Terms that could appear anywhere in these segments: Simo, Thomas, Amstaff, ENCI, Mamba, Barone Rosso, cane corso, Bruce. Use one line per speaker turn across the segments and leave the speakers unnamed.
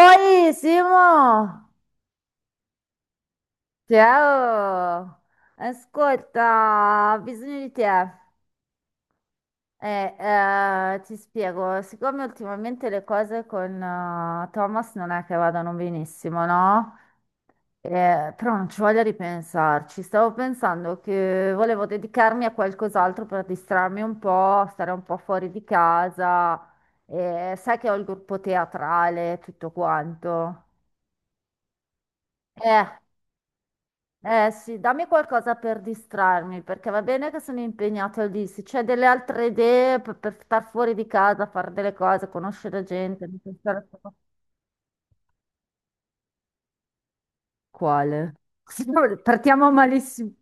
Oi Simo, ciao, ascolta, ho bisogno di te. Ti spiego, siccome ultimamente le cose con Thomas non è che vadano benissimo, no? Però non ci voglio ripensarci, stavo pensando che volevo dedicarmi a qualcos'altro per distrarmi un po', stare un po' fuori di casa. Sai che ho il gruppo teatrale, tutto quanto. Eh, Eh sì, dammi qualcosa per distrarmi, perché va bene che sono impegnato lì. Se c'è delle altre idee per, star fuori di casa, fare delle cose, conoscere gente, non pensare solo- Quale? Partiamo malissimo.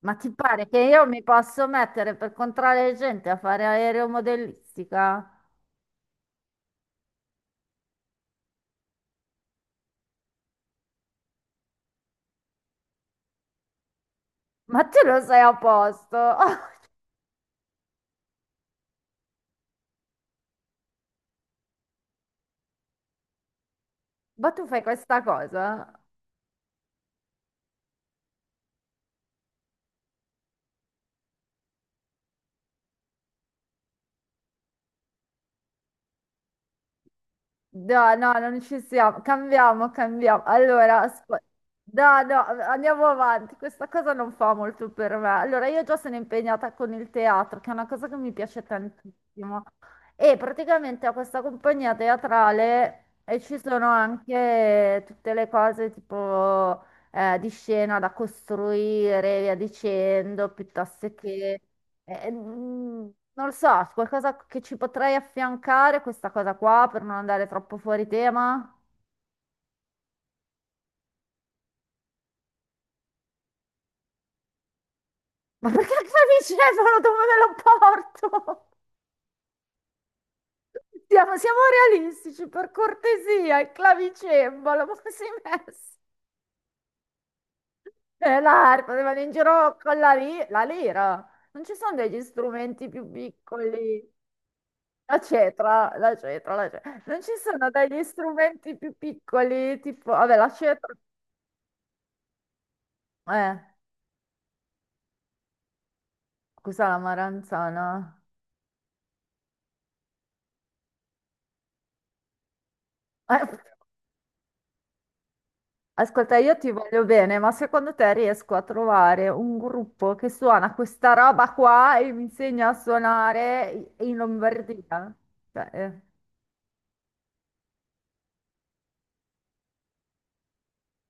Ma ti pare che io mi posso mettere per controllare gente a fare aeromodellistica? Ma tu lo sei a posto? Ma tu fai questa cosa? No, no, non ci siamo. Cambiamo, cambiamo. Allora, asp- no, no, andiamo avanti. Questa cosa non fa molto per me. Allora, io già sono impegnata con il teatro, che è una cosa che mi piace tantissimo. E praticamente ho questa compagnia teatrale e ci sono anche tutte le cose tipo di scena da costruire, e via dicendo, piuttosto che, eh, mm, non lo so, qualcosa che ci potrei affiancare a questa cosa qua per non andare troppo fuori tema? Ma perché il clavicembalo dove me lo porto? Siamo realistici, per cortesia, il clavicembalo, ma come si è messo? L'arpa, se vado in giro con la lira. Non ci sono degli strumenti più piccoli. La cetra, la cetra, la cetra. Non ci sono degli strumenti più piccoli, tipo, vabbè, la cetra. Eh, cos'è la maranzana? Eh, ascolta, io ti voglio bene, ma secondo te riesco a trovare un gruppo che suona questa roba qua e mi insegna a suonare in Lombardia? Cioè,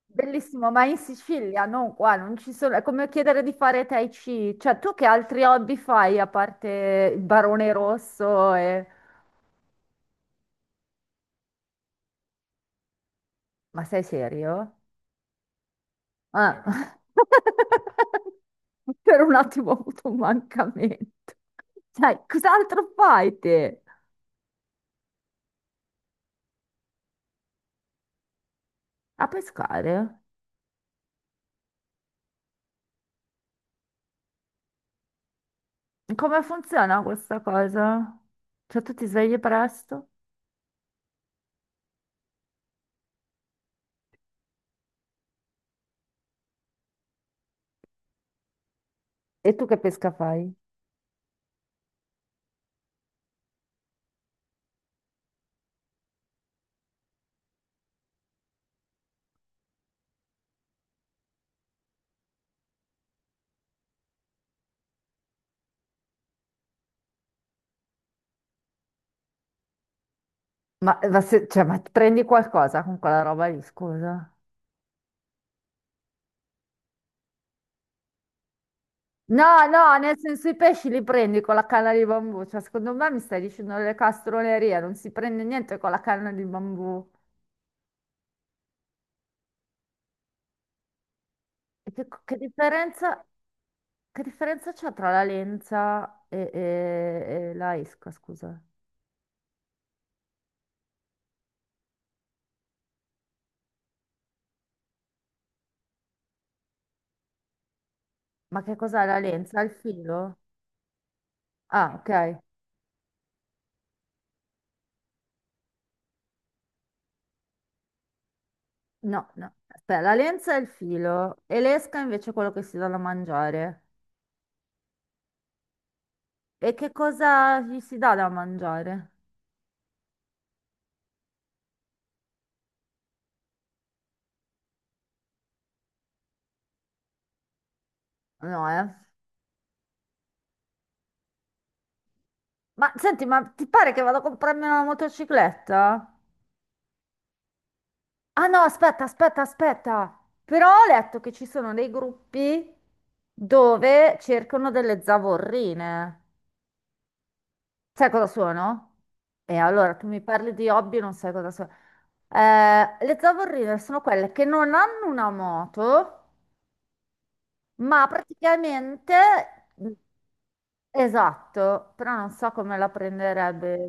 bellissimo, ma in Sicilia, non qua, non ci sono. È come chiedere di fare Tai Chi. Cioè, tu che altri hobby fai a parte il Barone Rosso e... Ma sei serio? Ah. Per un attimo ho avuto un mancamento. Sai, cos'altro fai te? A pescare? Come funziona questa cosa? Cioè, tu ti svegli presto? E tu che pesca fai? Ma prendi qualcosa con quella roba lì, scusa? No, no, nel senso i pesci li prendi con la canna di bambù. Cioè, secondo me mi stai dicendo le castronerie, non si prende niente con la canna di bambù. E che differenza? Che differenza c'è tra la lenza e, e la esca, scusa? Ma che cos'è la lenza? Il filo? Ah, ok. No, no. Aspetta, la lenza è il filo e l'esca invece è quello che si dà da mangiare. E che cosa gli si dà da mangiare? No, eh. Ma senti, ma ti pare che vado a comprarmi una motocicletta? Ah no, aspetta, aspetta, aspetta. Però ho letto che ci sono dei gruppi dove cercano delle zavorrine. Sai cosa sono? E allora tu mi parli di hobby e non sai cosa sono. Le zavorrine sono quelle che non hanno una moto, ma praticamente... Esatto, però non so come la prenderebbe.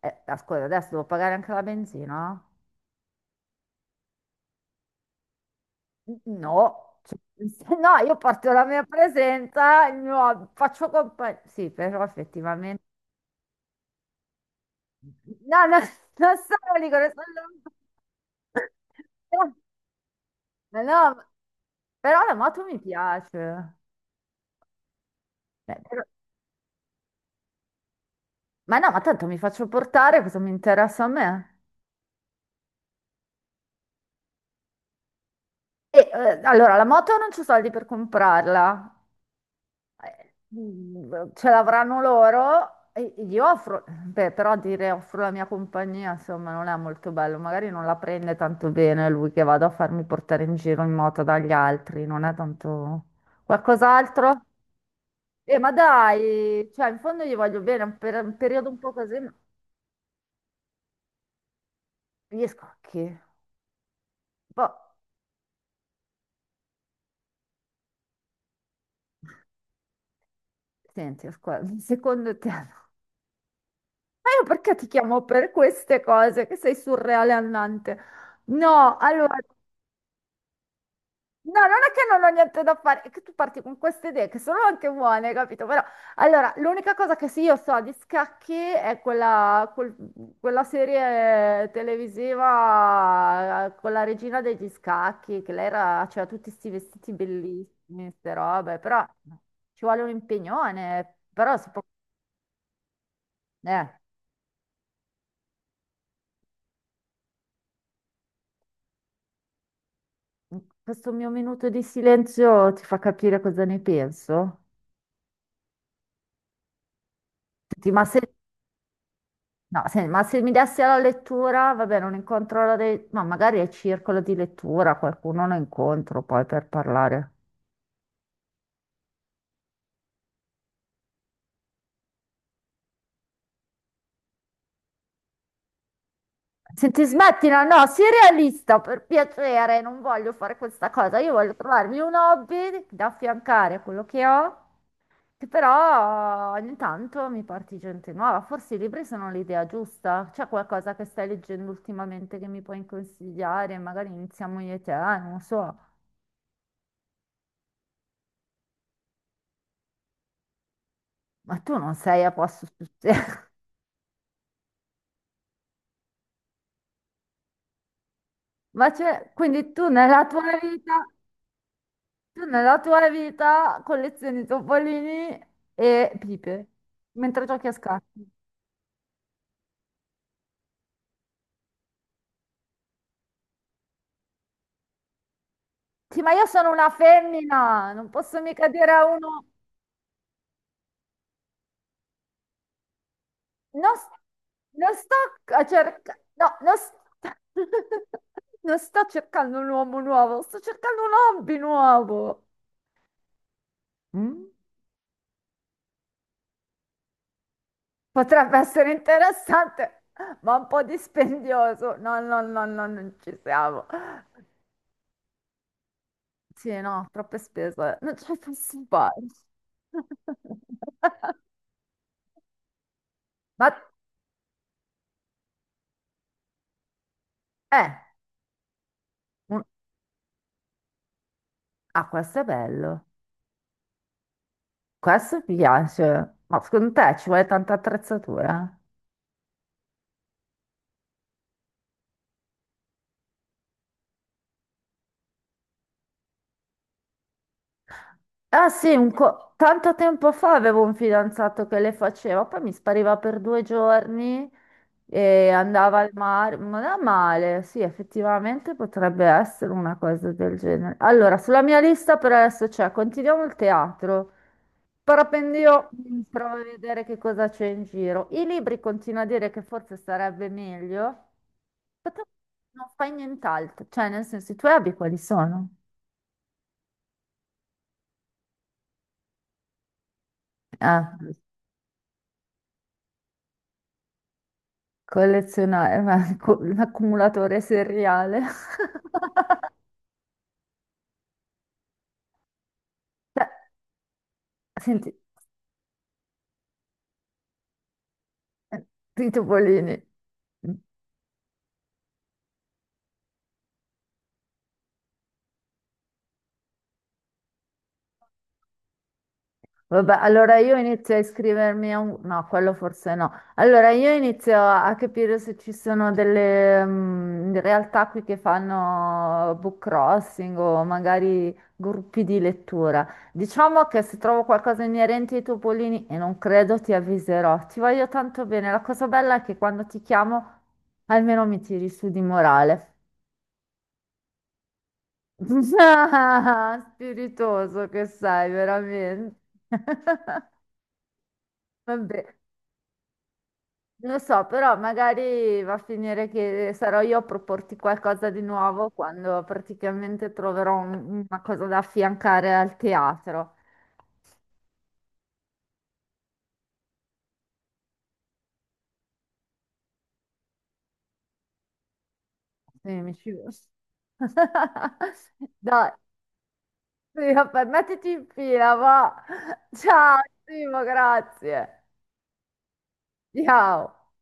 Ascolta, adesso devo pagare anche la benzina? No, cioè, se no, io porto la mia presenza, faccio compagnia. Sì, però effettivamente. No, no, non sono lì, sono... Ma no, ma- però la moto mi piace. Beh, però- Ma no, ma tanto mi faccio portare, cosa mi interessa a me? Allora, la moto non c'ho soldi per comprarla. Ce l'avranno loro e gli offro, beh, però dire offro la mia compagnia, insomma, non è molto bello, magari non la prende tanto bene lui che vado a farmi portare in giro in moto dagli altri, non è tanto qualcos'altro? Ma dai, cioè, in fondo gli voglio bene, per un periodo un po' così, ma gli scocchi. Boh, senti, ascolta, secondo te, ma io perché ti chiamo per queste cose che sei surreale annante? No, allora, no, non è che non ho niente da fare, è che tu parti con queste idee che sono anche buone, capito? Però, allora, l'unica cosa che sì, io so di scacchi è quella serie televisiva con la regina degli scacchi, che lei era, c'era tutti questi vestiti bellissimi, queste robe, però ci vuole un impegnone, però si può... Eh. Questo mio minuto di silenzio ti fa capire cosa ne penso? Senti, ma se mi dessi alla lettura, vabbè, non incontro la dei... Ma magari al circolo di lettura qualcuno lo incontro poi per parlare. Senti, smettila, no, no, sii realista, per piacere, non voglio fare questa cosa. Io voglio trovarmi un hobby da affiancare a quello che ho che però ogni tanto mi porti gente nuova. Forse i libri sono l'idea giusta. C'è qualcosa che stai leggendo ultimamente che mi puoi consigliare? Magari iniziamo io e te, ah, non so. Ma tu non sei a posto su te. Ma c'è, tu nella tua vita collezioni topolini e pipe, mentre giochi a scacchi. Sì, ma io sono una femmina, non posso mica dire a uno. Non, s- non sto a cercare, no, non, st- non sto cercando un uomo nuovo, sto cercando un hobby nuovo. Mm? Potrebbe essere interessante, ma un po' dispendioso. No, no, no, no, non ci siamo. Sì, no, troppe spese, non ce la posso fare. Ma, eh, un- ah, questo è bello, questo mi piace. Ma secondo te ci vuole tanta attrezzatura? Ah sì, tanto tempo fa avevo un fidanzato che le faceva, poi mi spariva per due giorni e andava al mare, non è male, sì, effettivamente potrebbe essere una cosa del genere. Allora, sulla mia lista per adesso c'è, continuiamo il teatro, parapendio, mm, provo a vedere che cosa c'è in giro. I libri continuo a dire che forse sarebbe meglio, ma tu non fai nient'altro, cioè nel senso i tuoi hobby quali sono? Eh. Collezionare, l'accumulatore seriale. Cioè, senti, eh, i topolini. Vabbè, allora io inizio a iscrivermi a un... No, quello forse no. Allora io inizio a capire se ci sono delle realtà qui che fanno book crossing o magari gruppi di lettura. Diciamo che se trovo qualcosa inerente ai topolini, e non credo, ti avviserò. Ti voglio tanto bene. La cosa bella è che quando ti chiamo... Almeno mi tiri su di morale. Ah, spiritoso che sei, veramente. Vabbè, non lo so, però magari va a finire che sarò io a proporti qualcosa di nuovo quando praticamente troverò una cosa da affiancare al teatro. Quindi mi ci... Dai, sì, vabbè, mettiti in fila, va. Ciao, Simo, grazie. Ciao.